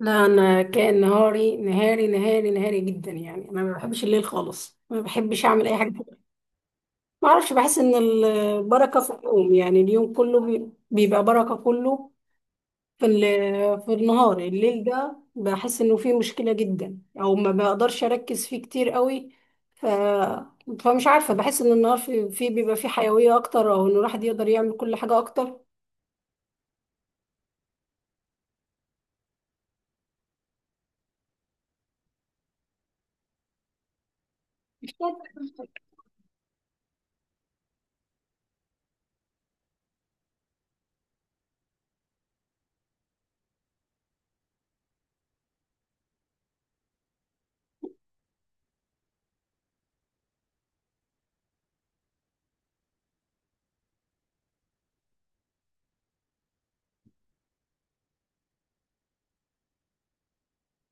لا، انا كان نهاري نهاري جدا. يعني انا ما بحبش الليل خالص، ما بحبش اعمل اي حاجه. ما اعرفش، بحس ان البركه في اليوم، يعني اليوم كله بيبقى بركه كله. في النهار. الليل ده بحس انه فيه مشكله جدا، او ما بقدرش اركز فيه كتير قوي. ف فمش عارفه، بحس ان النهار فيه في بيبقى فيه حيويه اكتر، او ان الواحد يقدر يعمل كل حاجه اكتر. مش عارفة.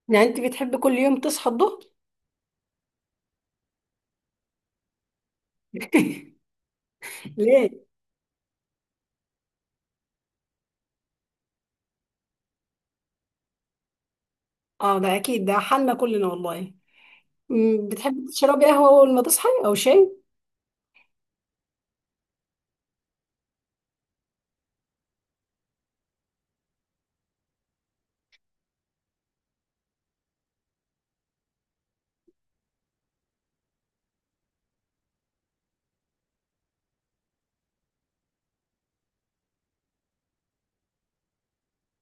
يعني انت بتحبي كل يوم تصحى الظهر؟ ليه؟ اه، ده اكيد ده حالنا كلنا والله. بتحبي تشربي قهوة أول ما تصحي أو شاي؟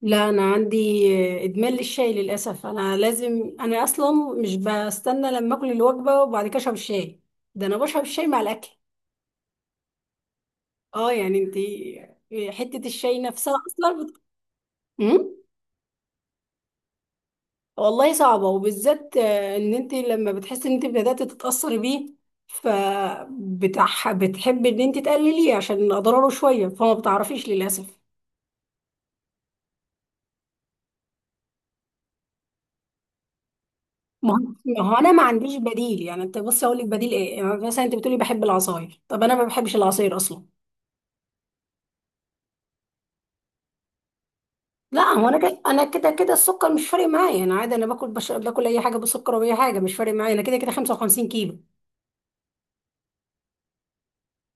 لا، أنا عندي إدمان للشاي للأسف. أنا لازم، أنا أصلا مش بستنى لما أكل الوجبة وبعد كده أشرب الشاي، ده أنا بشرب الشاي مع الأكل. أه، يعني أنتي حتة الشاي نفسها أصلا. مم؟ والله صعبة، وبالذات إن أنتي لما بتحسي إن أنتي بدأت تتأثري بيه، بتحبي إن أنتي تقلليه عشان أضراره شوية، فما بتعرفيش للأسف. ما هو انا ما عنديش بديل. يعني انت بصي اقول لك بديل ايه، يعني مثلا انت بتقولي بحب العصاير، طب انا ما بحبش العصاير اصلا. لا، هو انا كده كده السكر مش فارق معايا، انا عادي، انا باكل باكل اي حاجه بسكر او اي حاجه، مش فارق معايا، انا كده كده 55 كيلو.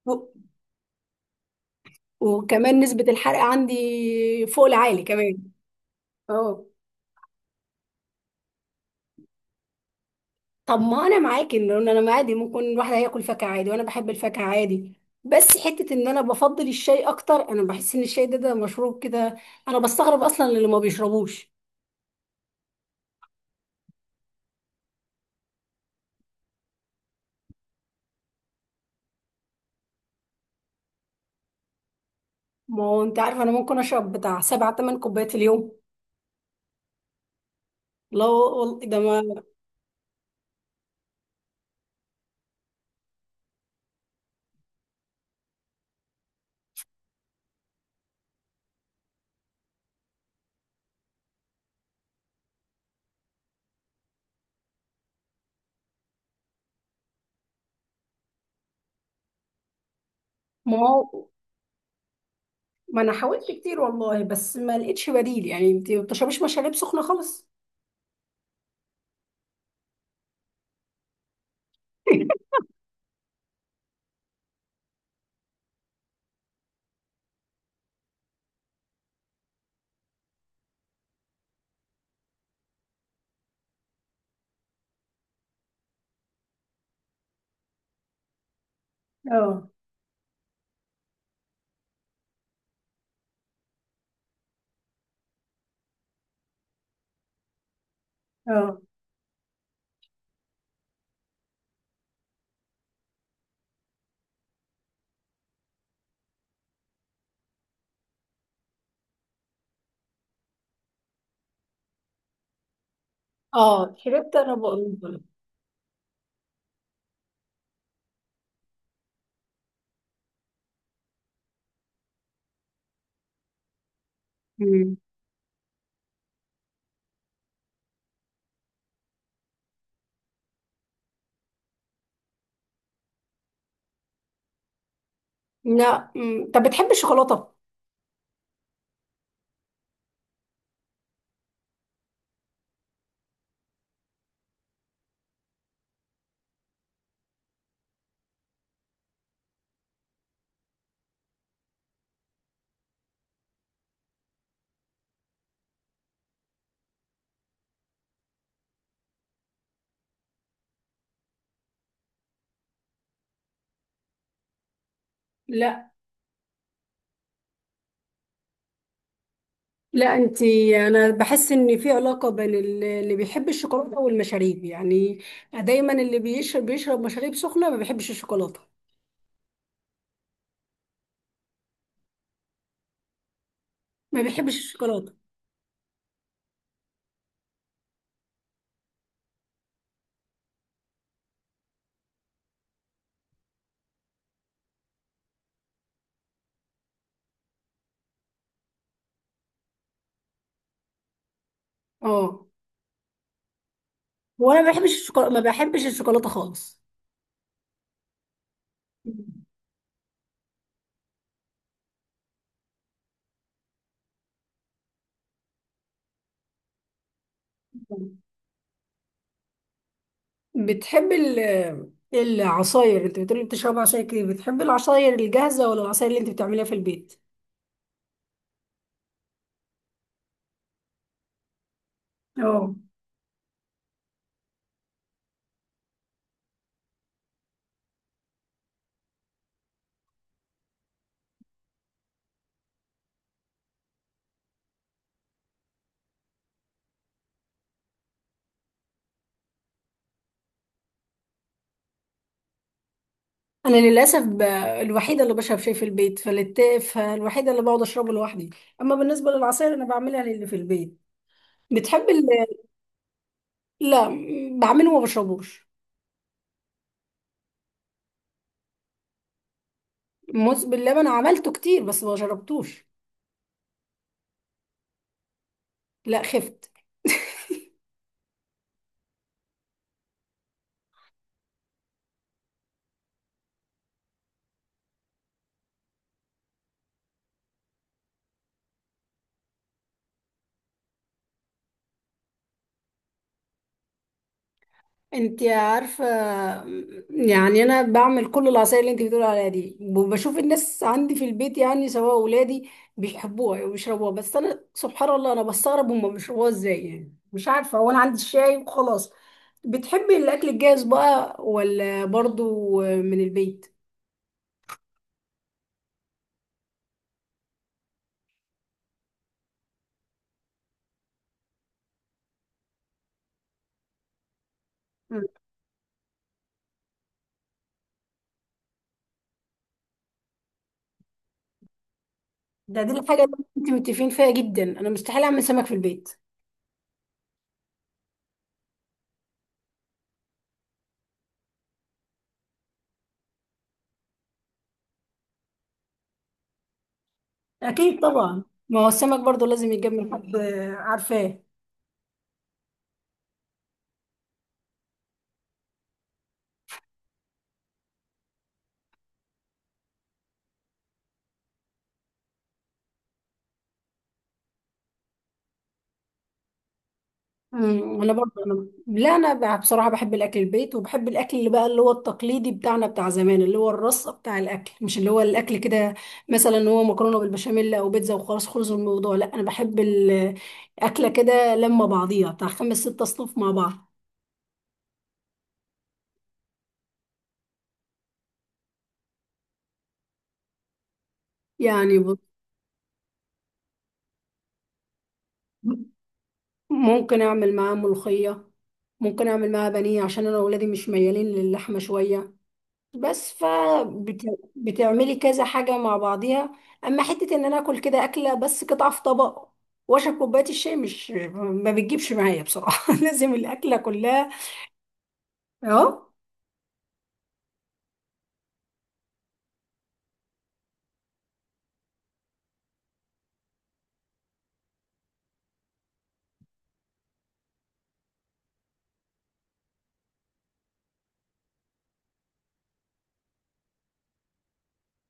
و... وكمان نسبه الحرق عندي فوق العالي كمان. اه. طب، ما انا معاكي ان انا، أنا عادي ممكن الواحد هياكل فاكهه عادي، وانا بحب الفاكهه عادي. بس حته ان انا بفضل الشاي اكتر، انا بحس ان الشاي ده مشروب كده. انا بستغرب اصلا اللي ما بيشربوش. ما هو انت عارفه انا ممكن اشرب بتاع سبع تمن كوبايات في اليوم. لا، وال- ده ما ما هو ما انا حاولت كتير والله، بس ما لقيتش بديل. يعني انت ما بتشربيش مشاريب سخنه خالص؟ اه، اه، اه، شربت انا بقول لك. مم. لا. مم. طب بتحبي الشوكولاته؟ لا، لا، انت، انا بحس ان في علاقه بين اللي بيحب الشوكولاته والمشاريب، يعني دايما اللي بيشرب بيشرب مشاريب سخنه ما بيحبش الشوكولاته، ما بيحبش الشوكولاته. اه، هو انا ما بحبش الشوكولاته، ما بحبش الشوكولاته خالص. بتحب العصاير؟ انت بتقولي بتشرب عصاير كتير، بتحب العصاير الجاهزة ولا العصاير اللي انت بتعمليها في البيت؟ اه، انا للاسف الوحيده اللي بشرب شاي في البيت فالوحيده اللي بقعد اشربه لوحدي. اما بالنسبه للعصاير انا بعملها للي في البيت. بتحب. لا، بعمله وما بشربوش. موز باللبن عملته كتير بس ما شربتوش. لا خفت. انت عارفة، يعني انا بعمل كل العصاير اللي انت بتقول عليها دي، وبشوف الناس عندي في البيت، يعني سواء اولادي بيحبوها وبيشربوها، بس انا سبحان الله انا بستغرب هم بيشربوها ازاي. يعني مش عارفة، هو انا عندي الشاي وخلاص. بتحبي الاكل الجاهز بقى ولا برضو من البيت؟ مم. ده دي الحاجة اللي انت متفقين فيها جدا، انا مستحيل اعمل سمك في البيت. اكيد طبعا. ما هو السمك برضو لازم يتجمع حد عارفاه. انا برضه انا، لا انا بصراحه بحب الاكل البيت، وبحب الاكل اللي بقى اللي هو التقليدي بتاعنا بتاع زمان، اللي هو الرصه بتاع الاكل، مش اللي هو الاكل كده مثلا، هو مكرونه بالبشاميل او بيتزا وخلاص خلص الموضوع. لا، انا بحب الاكله كده لما بعضيها بتاع خمس ست اصناف مع بعض. يعني بص، ممكن اعمل معاه ملوخيه، ممكن اعمل معاه بانيه، عشان انا واولادي مش ميالين للحمه شويه، بس فبتعملي كذا حاجة مع بعضيها. اما حتة ان انا اكل كده اكلة بس قطعة في طبق، واشرب كوباية الشاي، مش، ما بتجيبش معايا بصراحة. لازم الاكلة كلها. اه.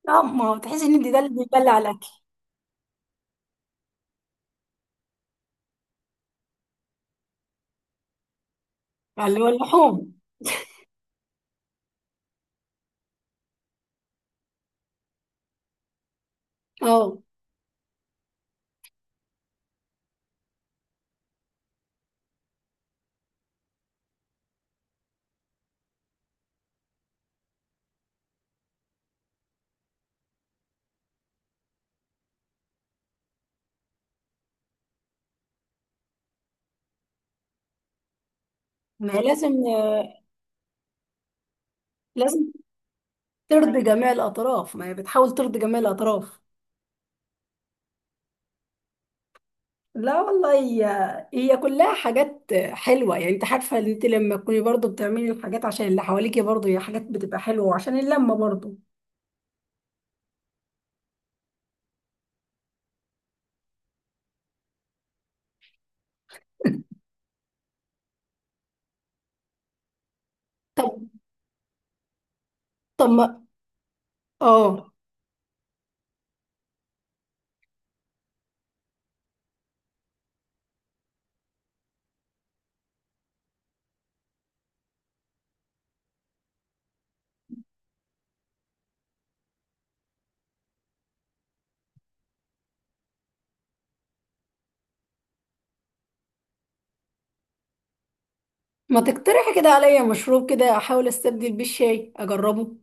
اه، ما هو تحس ان ده اللي بيبلع الاكل، اللي هو اللحوم. اه، ما هي لازم، لازم ترضي جميع الاطراف، ما هي بتحاول ترضي جميع الاطراف. لا والله، هي هي كلها حاجات حلوه. يعني انت عارفه ان انت لما تكوني برضو بتعملي الحاجات عشان اللي حواليكي، برضو هي حاجات بتبقى حلوه، وعشان اللمه برضو. طب طب ما اه ما تقترح كده عليا مشروب كده احاول استبدل بيه الشاي اجربه؟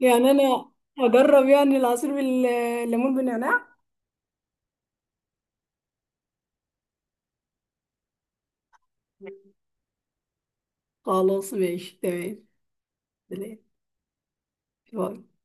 يعني انا اجرب يعني العصير بالليمون بالنعناع. خلاص، ماشي تمام. تمام. باي.